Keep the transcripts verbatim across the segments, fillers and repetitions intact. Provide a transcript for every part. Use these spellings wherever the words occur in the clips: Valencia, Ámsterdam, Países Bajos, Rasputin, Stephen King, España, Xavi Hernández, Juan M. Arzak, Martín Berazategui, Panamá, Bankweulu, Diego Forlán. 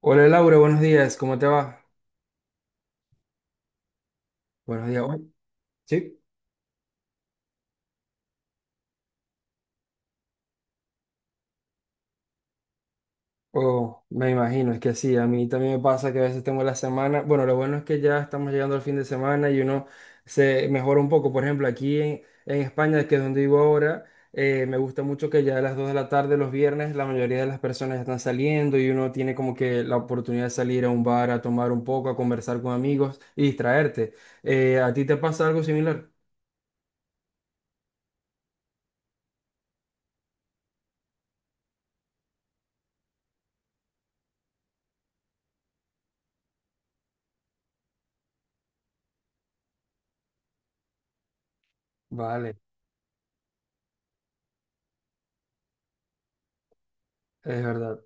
Hola Laura, buenos días, ¿cómo te va? Buenos días, hoy. ¿Sí? Oh, me imagino, es que sí, a mí también me pasa que a veces tengo la semana, bueno, lo bueno es que ya estamos llegando al fin de semana y uno se mejora un poco, por ejemplo, aquí en, en España, que es donde vivo ahora, eh, me gusta mucho que ya a las dos de la tarde los viernes la mayoría de las personas ya están saliendo y uno tiene como que la oportunidad de salir a un bar, a tomar un poco, a conversar con amigos y distraerte. Eh, ¿a ti te pasa algo similar? Vale, es verdad.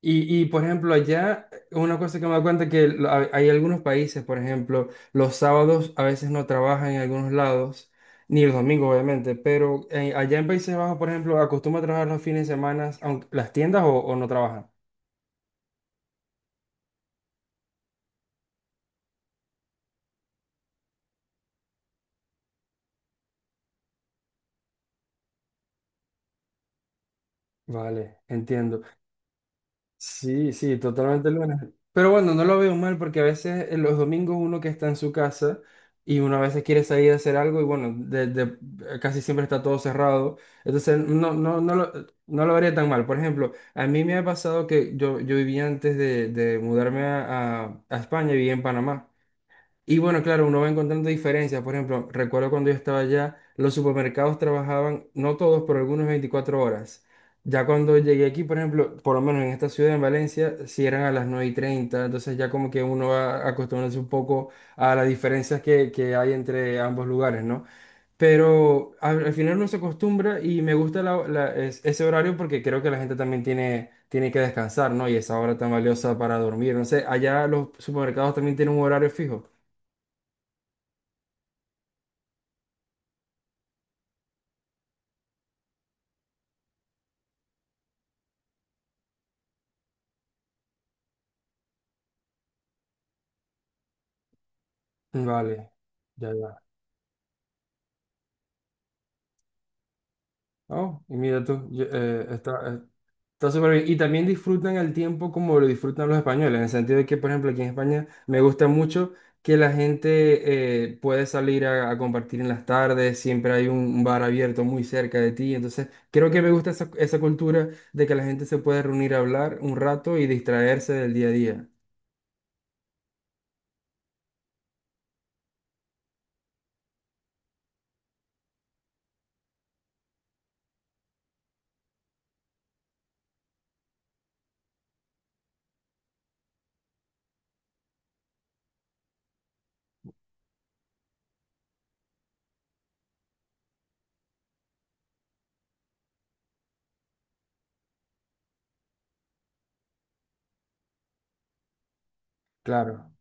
Y, y, por ejemplo, allá, una cosa que me doy cuenta es que lo- hay hay algunos países, por ejemplo, los sábados a veces no trabajan en algunos lados, ni los domingos, obviamente, pero eh, allá en Países Bajos, por ejemplo, acostumbran a trabajar los fines de semana, aunque las tiendas o, o no trabajan. Vale, entiendo. Sí, sí, totalmente lunes. Pero bueno, no lo veo mal porque a veces en los domingos uno que está en su casa y uno a veces quiere salir a hacer algo y bueno, de, de- casi siempre está todo cerrado. Entonces no, no, no lo, no lo vería tan mal. Por ejemplo, a mí me ha pasado que yo, yo vivía antes de, de mudarme a, a a España, vivía en Panamá. Y bueno, claro, uno va encontrando diferencias. Por ejemplo, recuerdo cuando yo estaba allá, los supermercados trabajaban, no todos, pero algunos veinticuatro horas. Ya cuando llegué aquí, por ejemplo, por lo menos en esta ciudad, en Valencia, cierran a las nueve y treinta, entonces ya como que uno va acostumbrándose un poco a las diferencias que, que hay entre ambos lugares, ¿no? Pero al, al final uno se acostumbra y me gusta la- la- es- ese horario porque creo que la gente también tiene, tiene que descansar, ¿no? Y esa hora tan valiosa para dormir. No sé, allá los supermercados también tienen un horario fijo. Vale, ya, ya. Oh, y mira tú, yo- eh, está, eh, está súper bien. Y también disfrutan el tiempo como lo disfrutan los españoles, en el sentido de que, por ejemplo, aquí en España me gusta mucho que la gente eh, puede salir a, a compartir en las tardes, siempre hay un, un bar abierto muy cerca de ti. Entonces, creo que me gusta esa, esa cultura de que la gente se puede reunir a hablar un rato y distraerse del día a día. Claro.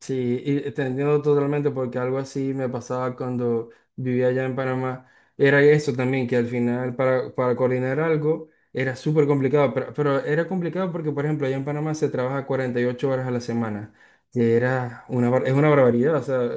Sí, y te entiendo totalmente porque algo así me pasaba cuando vivía allá en Panamá. Era eso también, que al final para, para coordinar algo era súper complicado, pero, pero era complicado porque, por ejemplo, allá en Panamá se trabaja cuarenta y ocho horas a la semana, que era una, bar- es una barbaridad. O sea,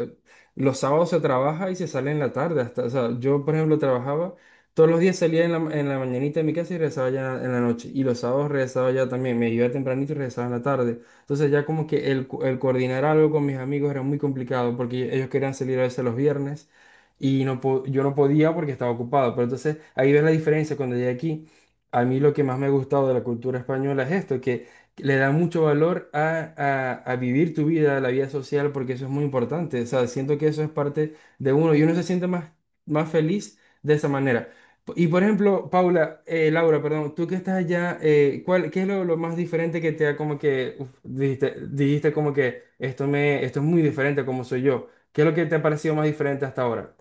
los sábados se trabaja y se sale en la tarde. Hasta, o sea, yo, por ejemplo, trabajaba todos los días, salía en la, ma- en la mañanita de mi casa y regresaba ya en la noche. Y los sábados regresaba ya también, me iba tempranito y regresaba en la tarde. Entonces ya como que el, co- el coordinar algo con mis amigos era muy complicado porque ellos querían salir a veces los viernes y no po- yo no podía porque estaba ocupado. Pero entonces ahí ves la diferencia cuando llegué aquí. A mí lo que más me ha gustado de la cultura española es esto, que le da mucho valor a, a- a vivir tu vida, la vida social, porque eso es muy importante. O sea, siento que eso es parte de uno y uno se siente más, más feliz de esa manera. Y por ejemplo, Paula, eh, Laura, perdón, tú que estás allá, eh, ¿cuál, qué es lo, lo más diferente que te ha como que, uf, dijiste, dijiste como que esto me, esto es muy diferente a como soy yo? ¿Qué es lo que te ha parecido más diferente hasta ahora?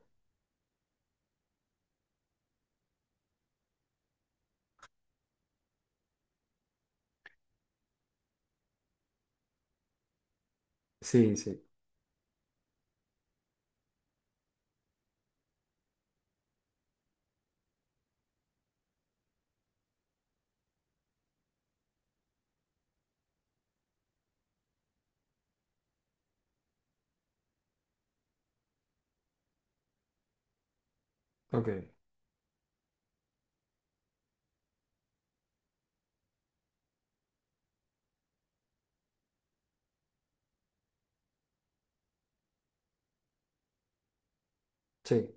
Sí, sí, ok, sí.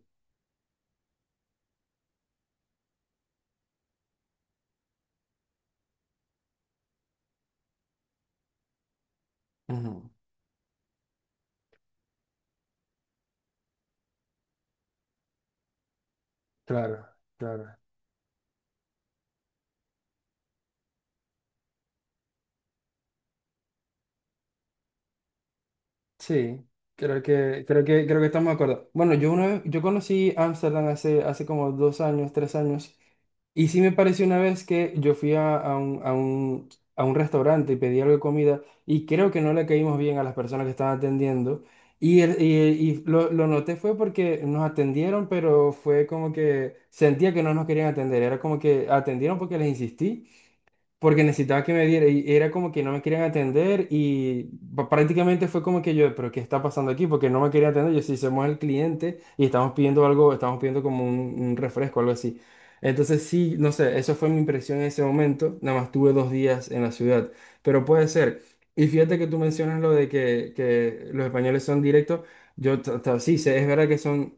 Ujú. Claro, claro, sí, creo que, creo que, creo que estamos de acuerdo. Bueno, yo una vez, yo conocí Ámsterdam hace, hace como dos años, tres años. Y sí me pareció una vez que yo fui a, a un, a un- a un restaurante y pedí algo de comida y creo que no le caímos bien a las personas que estaban atendiendo. Y, el- y- y lo, lo noté fue porque nos atendieron, pero fue como que sentía que no nos querían atender. Era como que atendieron porque les insistí porque necesitaba que me diera y era como que no me querían atender y pa- prácticamente fue como que yo, pero ¿qué está pasando aquí? Porque no me querían atender, yo sí somos el cliente y estamos pidiendo algo, estamos pidiendo como un, un refresco, algo así. Entonces sí, no sé, eso fue mi impresión en ese momento, nada más tuve dos días en la ciudad, pero puede ser. Y fíjate que tú mencionas lo de que, que los españoles son directos, yo ta- ta- sí, sé, es verdad que son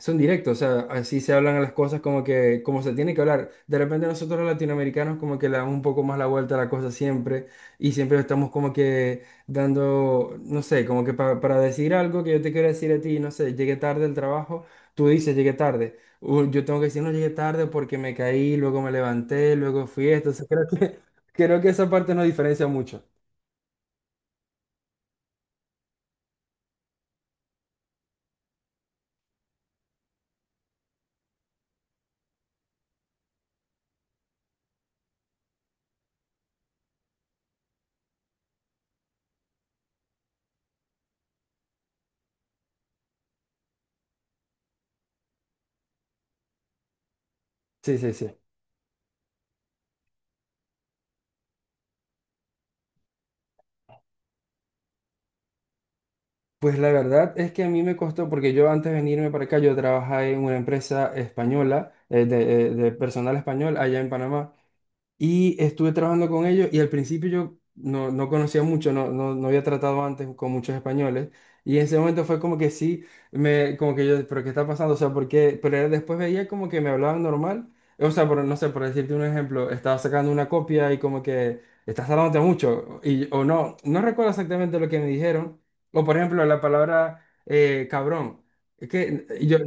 son directos, o sea, así se hablan las cosas como que, como se tiene que hablar. De repente nosotros los latinoamericanos como que le damos un poco más la vuelta a la cosa siempre y siempre estamos como que dando, no sé, como que pa- para decir algo que yo te quiero decir a ti, no sé, llegué tarde al trabajo, tú dices llegué tarde. Uh, yo tengo que decir no llegué tarde porque me caí, luego me levanté, luego fui esto, o sea, creo que, creo que esa parte nos diferencia mucho. Sí, sí, sí. Pues la verdad es que a mí me costó, porque yo antes de venirme para acá, yo trabajaba en una empresa española, eh, de, eh, de personal español allá en Panamá. Y estuve trabajando con ellos y al principio yo no, no conocía mucho, no, no, no había tratado antes con muchos españoles. Y en ese momento fue como que sí, me, como que yo, pero ¿qué está pasando? O sea, ¿por qué? Pero después veía como que me hablaban normal. O sea, por, no sé, por decirte un ejemplo, estaba sacando una copia y como que estás tardándote mucho. Y, o no, no recuerdo exactamente lo que me dijeron. O por ejemplo, la palabra eh, cabrón. Es que yo,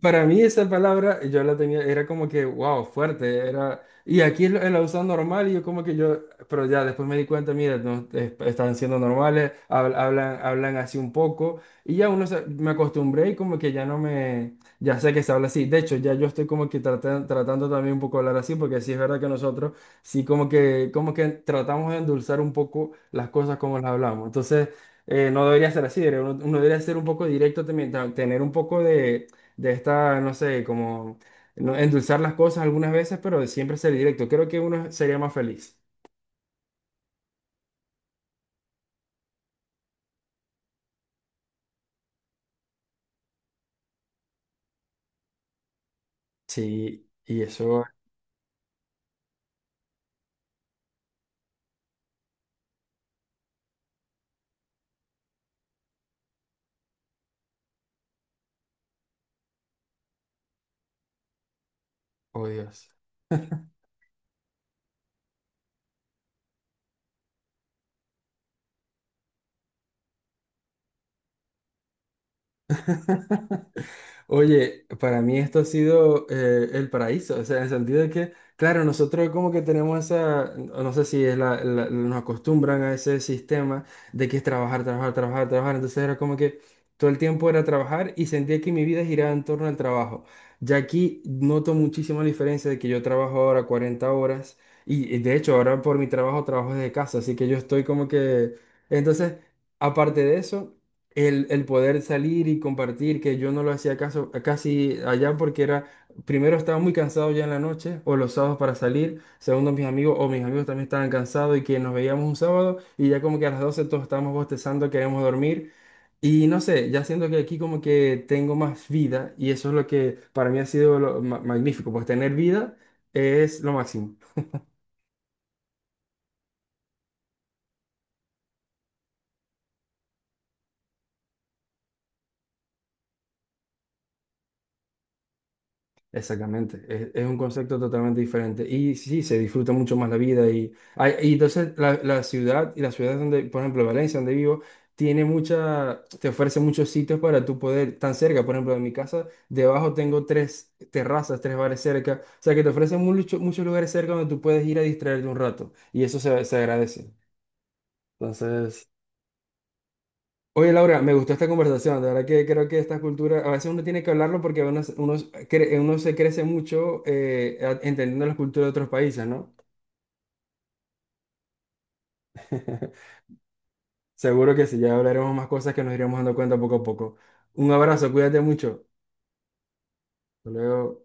para mí esa palabra yo la tenía, era como que, wow, fuerte, era... Y aquí lo, lo usan normal y yo como que yo, pero ya después me di cuenta, mira, no, es- están siendo normales, hab- hablan, hablan así un poco y ya uno se- me acostumbré y como que ya no me, ya sé que se habla así. De hecho, ya yo estoy como que tratan- tratando también un poco de hablar así porque sí es verdad que nosotros sí como que, como que tratamos de endulzar un poco las cosas como las hablamos. Entonces, eh, no debería ser así, debería- uno, uno debería ser un poco directo también, ta- tener un poco de, de esta, no sé, como no, endulzar las cosas algunas veces, pero de siempre ser directo. Creo que uno sería más feliz. Sí, y eso, oh Dios. Oye, para mí esto ha sido eh, el paraíso, o sea, en el sentido de que, claro, nosotros como que tenemos esa, no sé si es la, la- nos acostumbran a ese sistema de que es trabajar, trabajar, trabajar, trabajar, entonces era como que todo el tiempo era trabajar y sentía que mi vida giraba en torno al trabajo. Ya aquí noto muchísimo la diferencia de que yo trabajo ahora cuarenta horas y y de hecho ahora por mi trabajo trabajo desde casa, así que yo estoy como que, entonces... Aparte de eso, el, el poder salir y compartir, que yo no lo hacía caso, casi allá porque era, primero estaba muy cansado ya en la noche o los sábados para salir, segundo mis amigos o mis amigos también estaban cansados y que nos veíamos un sábado y ya como que a las doce todos estábamos bostezando, queríamos dormir y no sé, ya siento que aquí como que tengo más vida y eso es lo que para mí ha sido lo ma- magnífico, pues tener vida es lo máximo. Exactamente, es, es un concepto totalmente diferente y sí, se disfruta mucho más la vida y, ay, y entonces la, la ciudad y la ciudad donde, por ejemplo, Valencia, donde vivo, tiene mucha, te ofrece muchos sitios para tú poder, tan cerca, por ejemplo, de mi casa, debajo tengo tres terrazas, tres bares cerca, o sea que te ofrecen mucho- muchos lugares cerca donde tú puedes ir a distraerte un rato y eso se, se agradece. Entonces... Oye, Laura, me gustó esta conversación. De verdad que creo que esta cultura, a veces uno tiene que hablarlo porque uno, uno cre- uno se crece mucho eh, a- entendiendo la cultura de otros países, ¿no? Seguro que sí, ya hablaremos más cosas que nos iremos dando cuenta poco a poco. Un abrazo, cuídate mucho. Hasta luego.